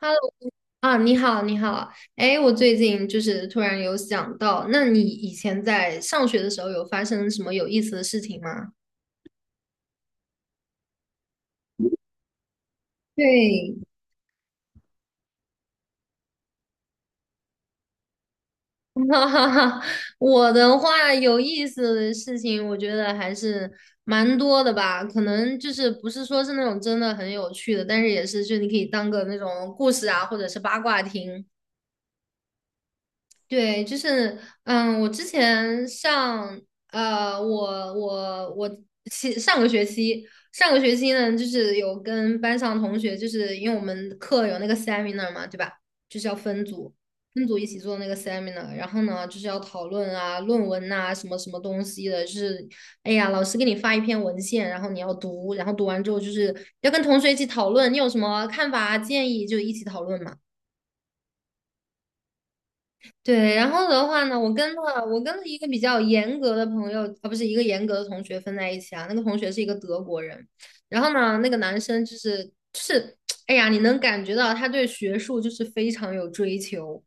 Hello 啊，你好，你好。哎，我最近就是突然有想到，那你以前在上学的时候有发生什么有意思的事情吗？对，哈哈哈，我的话有意思的事情，我觉得还是蛮多的吧。可能就是不是说是那种真的很有趣的，但是也是就你可以当个那种故事啊，或者是八卦听。对，就是，我之前上，我其上个学期，上个学期呢，就是有跟班上同学，就是因为我们课有那个 seminar 嘛，对吧？就是要分组，分组一起做那个 seminar，然后呢，就是要讨论啊、论文呐、什么什么东西的，就是，哎呀，老师给你发一篇文献，然后你要读，然后读完之后就是要跟同学一起讨论，你有什么看法啊、建议就一起讨论嘛。对，然后的话呢，我跟了一个比较严格的朋友，啊，不是一个严格的同学分在一起啊。那个同学是一个德国人，然后呢，那个男生就是就是，哎呀，你能感觉到他对学术就是非常有追求。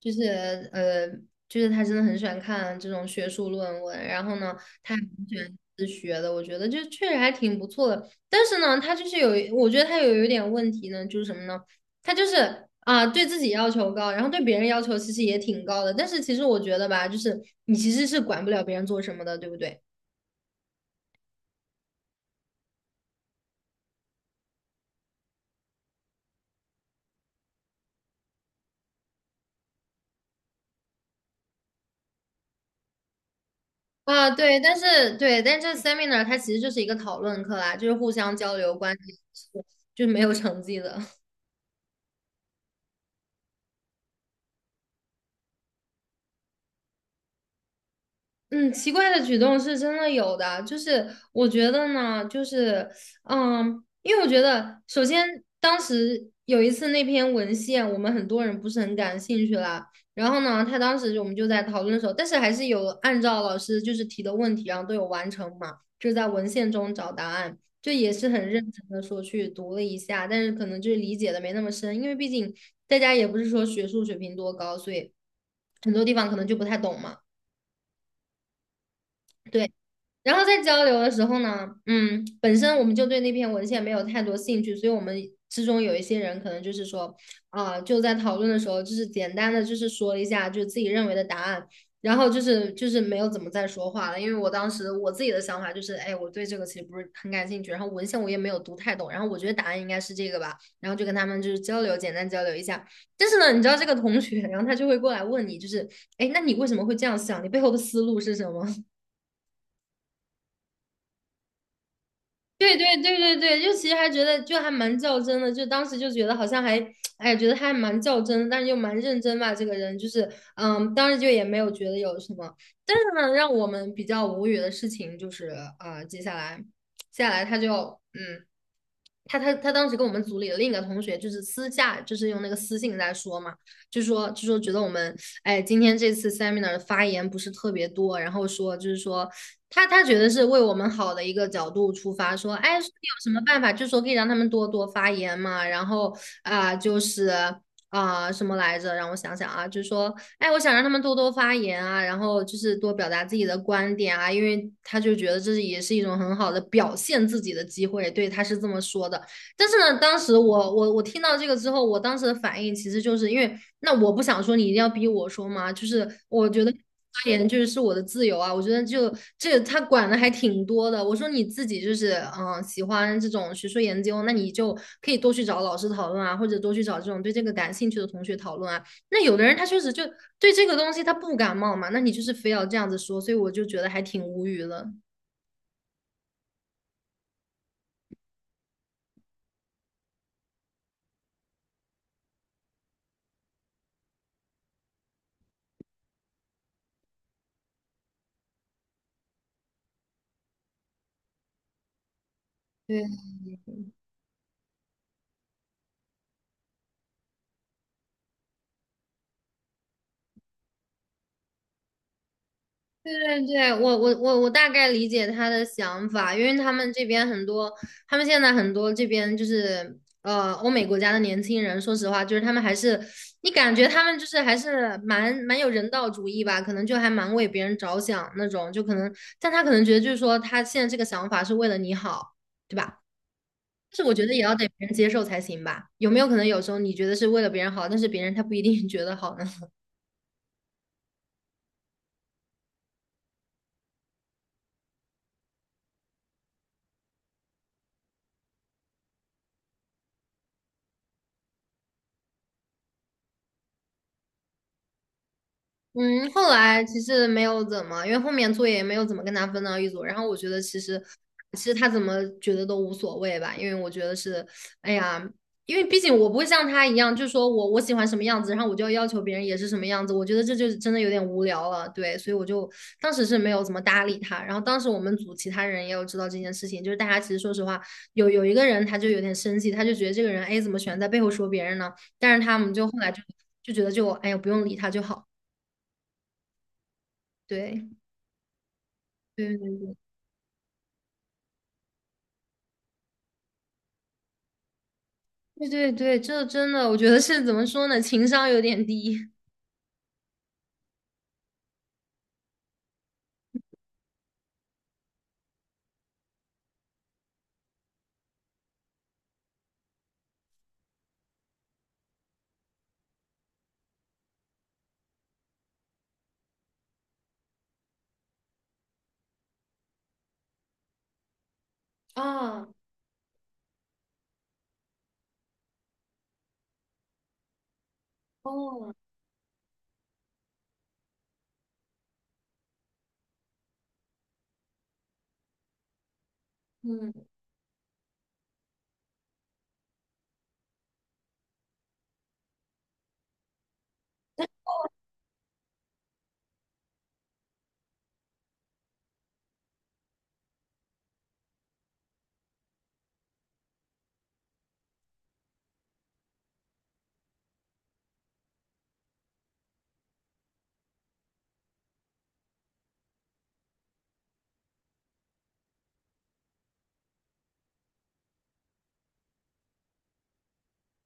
就是呃，就是他真的很喜欢看这种学术论文，然后呢，他也很喜欢自学的，我觉得就确实还挺不错的。但是呢，他就是有一我觉得他有一点问题呢，就是什么呢？他就是啊，对自己要求高，然后对别人要求其实也挺高的。但是其实我觉得吧，就是你其实是管不了别人做什么的，对不对？啊，对，但是对，但这 seminar 它其实就是一个讨论课啦，就是互相交流观点，是就是没有成绩的。嗯，奇怪的举动是真的有的，就是我觉得呢，就是，因为我觉得，首先当时有一次那篇文献，我们很多人不是很感兴趣啦，然后呢，他当时就我们就在讨论的时候，但是还是有按照老师就是提的问题，然后都有完成嘛，就在文献中找答案，就也是很认真的说去读了一下，但是可能就是理解的没那么深，因为毕竟大家也不是说学术水平多高，所以很多地方可能就不太懂嘛。对，然后在交流的时候呢，嗯，本身我们就对那篇文献没有太多兴趣，所以我们之中有一些人可能就是说，啊、就在讨论的时候，就是简单的就是说了一下，就自己认为的答案，然后就是没有怎么再说话了，因为我当时我自己的想法就是，哎，我对这个其实不是很感兴趣，然后文献我也没有读太懂，然后我觉得答案应该是这个吧，然后就跟他们就是交流，简单交流一下，但是呢，你知道这个同学，然后他就会过来问你，就是，哎，那你为什么会这样想？你背后的思路是什么？对对对对对，就其实还觉得就还蛮较真的，就当时就觉得好像还，哎呀觉得他还蛮较真的但是又蛮认真吧，这个人就是，当时就也没有觉得有什么。但是呢，让我们比较无语的事情就是，啊、接下来，接下来他就，嗯，他当时跟我们组里的另一个同学就是私下就是用那个私信在说嘛，就说觉得我们，哎，今天这次 seminar 的发言不是特别多，然后说就是说。他觉得是为我们好的一个角度出发，说，哎，有什么办法，就说可以让他们多多发言嘛，然后啊、就是啊、什么来着，让我想想啊，就是说，哎，我想让他们多多发言啊，然后就是多表达自己的观点啊，因为他就觉得这是也是一种很好的表现自己的机会，对，他是这么说的。但是呢，当时我听到这个之后，我当时的反应其实就是因为，那我不想说，你一定要逼我说嘛，就是我觉得发言就是是我的自由啊，我觉得就这个他管的还挺多的。我说你自己就是喜欢这种学术研究，那你就可以多去找老师讨论啊，或者多去找这种对这个感兴趣的同学讨论啊。那有的人他确实就对这个东西他不感冒嘛，那你就是非要这样子说，所以我就觉得还挺无语的。对对对，我大概理解他的想法，因为他们这边很多，他们现在很多这边就是欧美国家的年轻人，说实话，就是他们还是你感觉他们就是还是蛮蛮有人道主义吧，可能就还蛮为别人着想那种，就可能，但他可能觉得就是说他现在这个想法是为了你好，对吧？但是我觉得也要得别人接受才行吧，有没有可能有时候你觉得是为了别人好，但是别人他不一定觉得好呢？嗯，后来其实没有怎么，因为后面作业也没有怎么跟他分到一组。然后我觉得其实，其实他怎么觉得都无所谓吧，因为我觉得是，哎呀，因为毕竟我不会像他一样，就说我我喜欢什么样子，然后我就要要求别人也是什么样子。我觉得这就是真的有点无聊了，对，所以我就当时是没有怎么搭理他。然后当时我们组其他人也有知道这件事情，就是大家其实说实话，有一个人他就有点生气，他就觉得这个人，哎，怎么喜欢在背后说别人呢？但是他们就后来就觉得就，哎呀，不用理他就好，对。对对对对对，对，这真的，我觉得是怎么说呢，情商有点低啊，哦，嗯，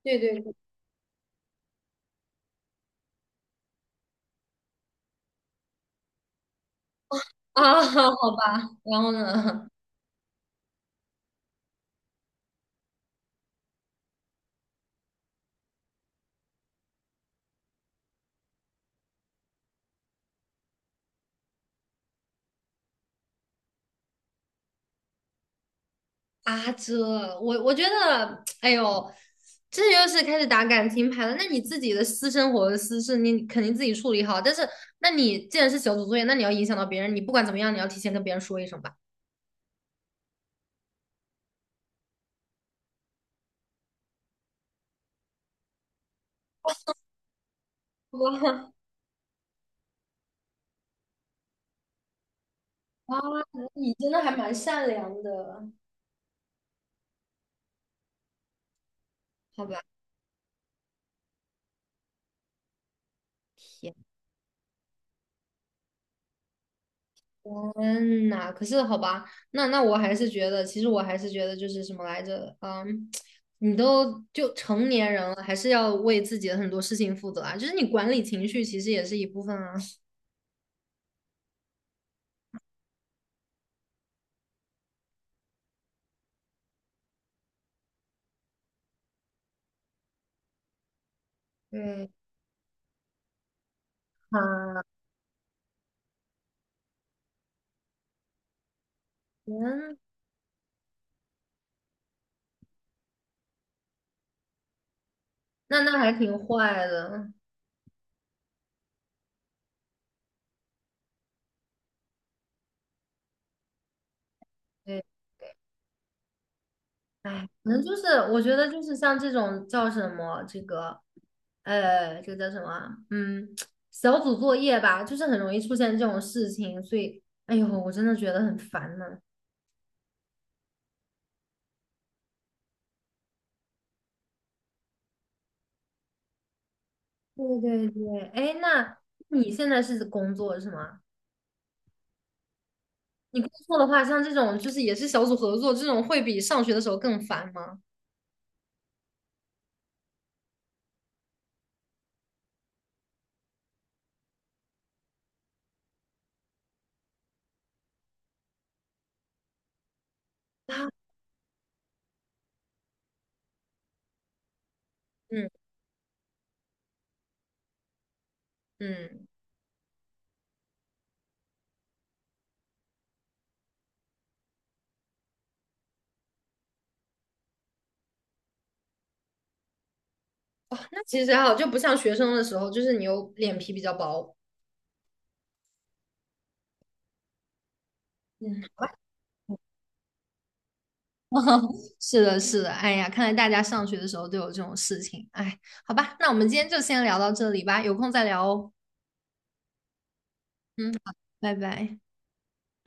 对对对，啊，好吧，然后呢？啊，这我觉得，哎呦，这又是开始打感情牌了。那你自己的私生活的私事，你肯定自己处理好。但是，那你既然是小组作业，那你要影响到别人，你不管怎么样，你要提前跟别人说一声吧。哇啊，你真的还蛮善良的，好吧。天。天呐，可是好吧，那我还是觉得，其实我还是觉得就是什么来着，你都就成年人了，还是要为自己的很多事情负责啊。就是你管理情绪，其实也是一部分啊。对啊，天，那还挺坏的。对，哎，可能就是我觉得就是像这种叫什么这个，这个叫什么啊，小组作业吧，就是很容易出现这种事情，所以，哎呦，我真的觉得很烦呢。对对对，哎，那你现在是工作是吗？你工作的话，像这种就是也是小组合作这种，会比上学的时候更烦吗？啊，嗯嗯，哦，那其实还好，就不像学生的时候，就是你有脸皮比较薄。嗯，好吧。是的，是的，哎呀，看来大家上学的时候都有这种事情，哎，好吧，那我们今天就先聊到这里吧，有空再聊哦。嗯，好，拜拜。